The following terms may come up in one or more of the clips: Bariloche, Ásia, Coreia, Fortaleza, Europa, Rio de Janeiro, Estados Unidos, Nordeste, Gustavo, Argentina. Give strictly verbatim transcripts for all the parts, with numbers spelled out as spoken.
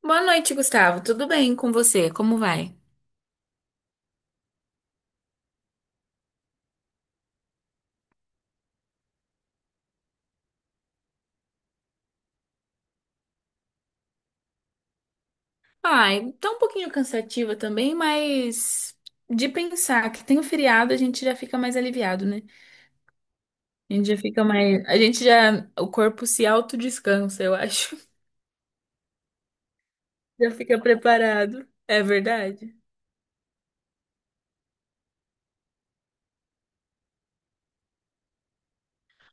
Boa noite, Gustavo. Tudo bem com você? Como vai? Ai, tá um pouquinho cansativa também, mas de pensar que tem o feriado, a gente já fica mais aliviado, né? A gente já fica mais. A gente já. O corpo se autodescansa, eu acho. Já fica preparado. É verdade?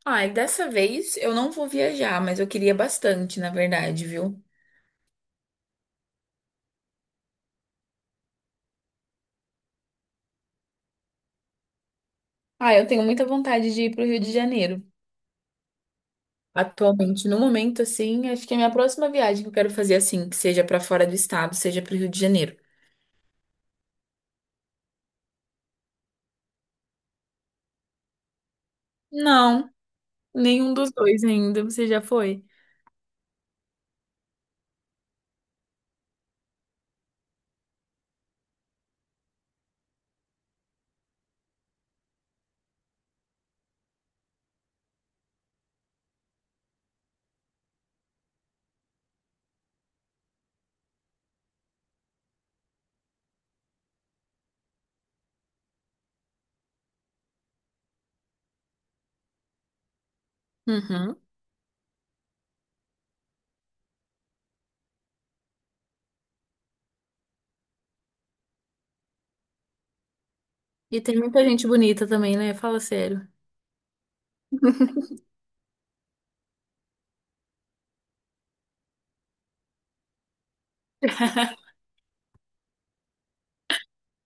Ai, dessa vez eu não vou viajar, mas eu queria bastante, na verdade, viu? Ai, eu tenho muita vontade de ir pro Rio de Janeiro. Atualmente, no momento, assim, acho que a minha próxima viagem que eu quero fazer, assim, que seja pra fora do estado, seja pro Rio de Janeiro. Não, nenhum dos dois ainda. Você já foi? Uhum. E tem muita gente bonita também, né? Fala sério.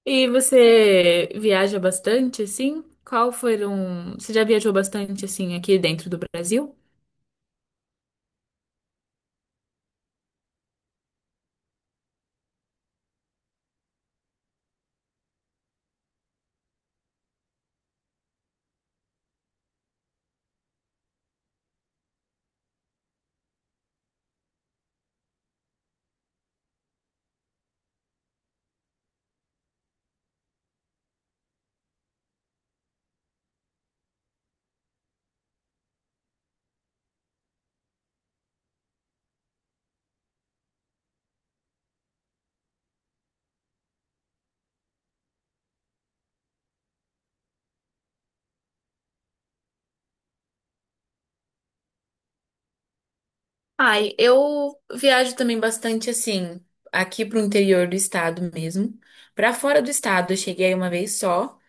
E você viaja bastante, assim? Qual foram... Você já viajou bastante, assim, aqui dentro do Brasil? Ai, eu viajo também bastante assim, aqui pro interior do estado mesmo. Pra fora do estado, eu cheguei uma vez só.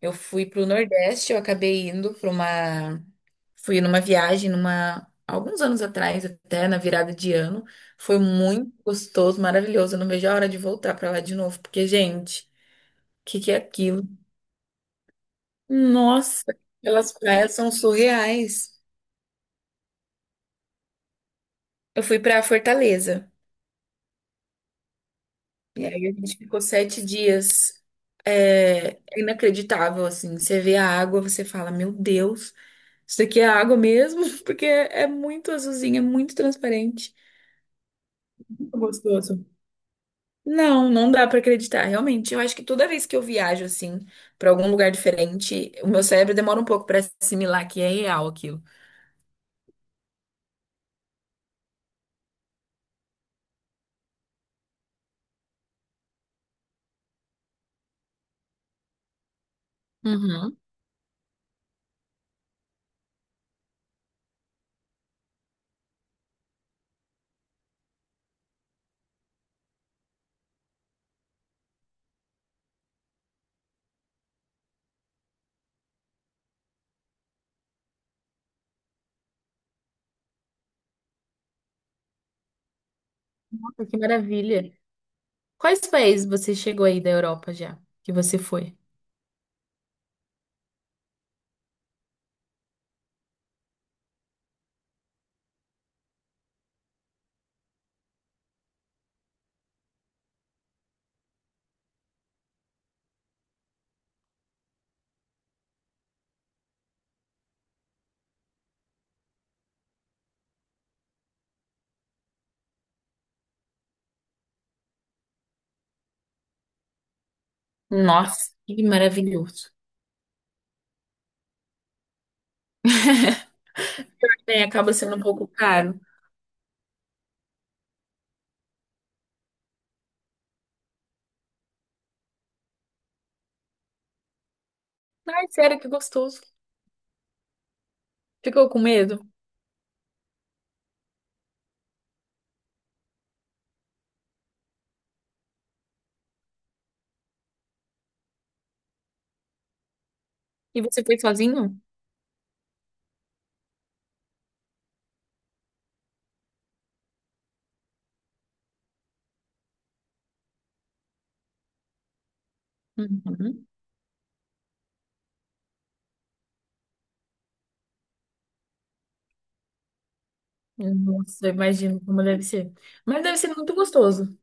Eu fui pro Nordeste, eu acabei indo pra uma. Fui numa viagem, numa alguns anos atrás, até na virada de ano. Foi muito gostoso, maravilhoso. Eu não vejo a hora de voltar pra lá de novo, porque, gente, o que que é aquilo? Nossa, aquelas praias são surreais. Eu fui pra Fortaleza e aí a gente ficou sete dias. É é inacreditável, assim. Você vê a água, você fala, meu Deus, isso daqui é água mesmo? Porque é muito azulzinha, é muito transparente. Muito gostoso. Não, não dá pra acreditar, realmente. Eu acho que toda vez que eu viajo assim pra algum lugar diferente, o meu cérebro demora um pouco pra assimilar que é real aquilo. Uhum. Nossa, que maravilha. Quais países você chegou aí da Europa já? Que você foi? Nossa, que maravilhoso. É, acaba sendo um pouco caro. Ai, sério, que gostoso. Ficou com medo? E você foi sozinho? Uhum. Nossa, eu imagino como deve ser. Mas deve ser muito gostoso.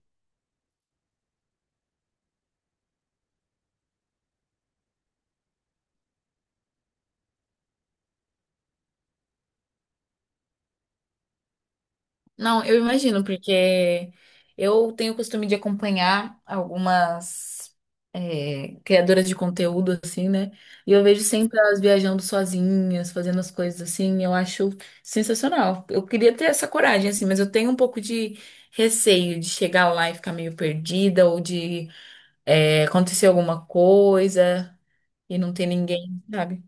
Não, eu imagino, porque eu tenho o costume de acompanhar algumas é, criadoras de conteúdo, assim, né? E eu vejo sempre elas viajando sozinhas, fazendo as coisas assim, eu acho sensacional. Eu queria ter essa coragem, assim, mas eu tenho um pouco de receio de chegar lá e ficar meio perdida, ou de é, acontecer alguma coisa e não ter ninguém, sabe?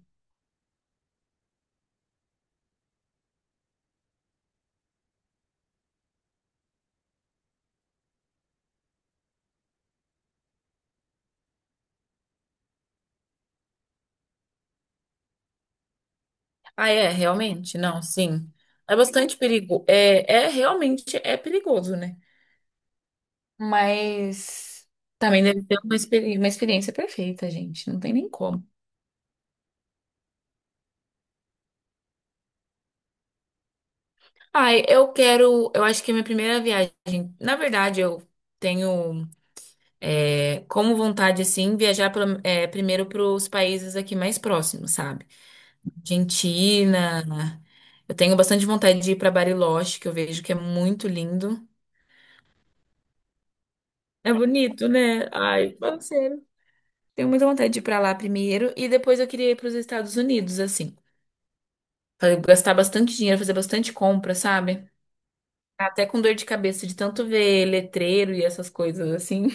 Ah, é, realmente? Não, sim. É bastante perigo. É, é realmente é perigoso, né? Mas também deve ter uma, experi- uma experiência perfeita, gente. Não tem nem como. Ai, eu quero. Eu acho que é minha primeira viagem. Na verdade, eu tenho é, como vontade, assim, viajar pra- é, primeiro para os países aqui mais próximos, sabe? Argentina. Eu tenho bastante vontade de ir para Bariloche, que eu vejo que é muito lindo. É bonito, né? Ai, parceiro. Tenho muita vontade de ir pra lá primeiro. E depois eu queria ir para os Estados Unidos, assim. Falei, gastar bastante dinheiro, fazer bastante compra, sabe? Até com dor de cabeça de tanto ver letreiro e essas coisas assim.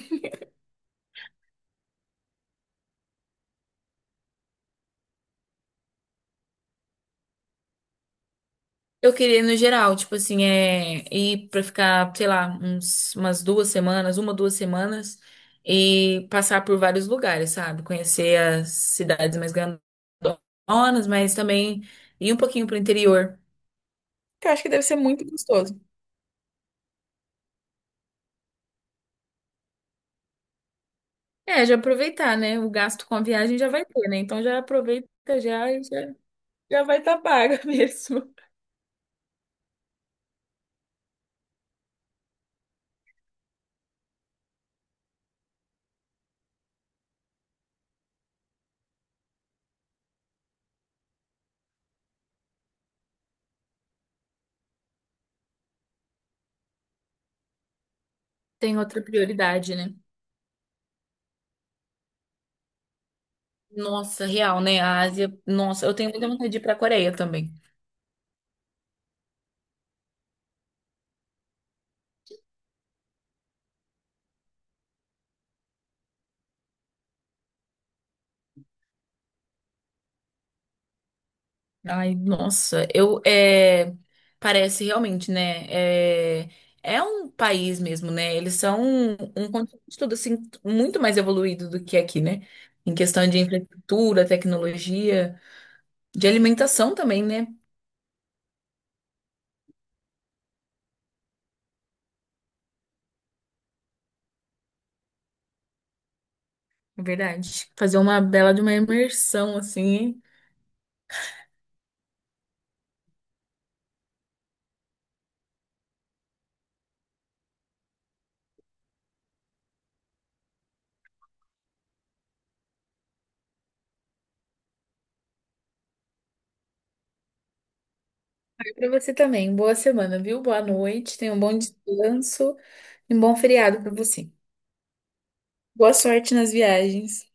Eu queria no geral, tipo assim, é ir pra ficar, sei lá, uns, umas duas semanas, uma, duas semanas e passar por vários lugares, sabe? Conhecer as cidades mais grandonas, mas também ir um pouquinho pro interior, que eu acho que deve ser muito gostoso. É, já aproveitar, né? O gasto com a viagem já vai ter, né? Então já aproveita já e já, já vai estar tá paga mesmo. Tem outra prioridade, né? Nossa, real, né? A Ásia, nossa, eu tenho muita vontade de ir pra Coreia também. Ai, nossa, eu é, parece realmente, né? É, é um país mesmo, né? Eles são um, um continente todo assim muito mais evoluído do que aqui, né? Em questão de infraestrutura, tecnologia, de alimentação também, né? É verdade. Fazer uma bela de uma imersão assim, hein? E pra você também. Boa semana, viu? Boa noite. Tenha um bom descanso e um bom feriado pra você. Boa sorte nas viagens.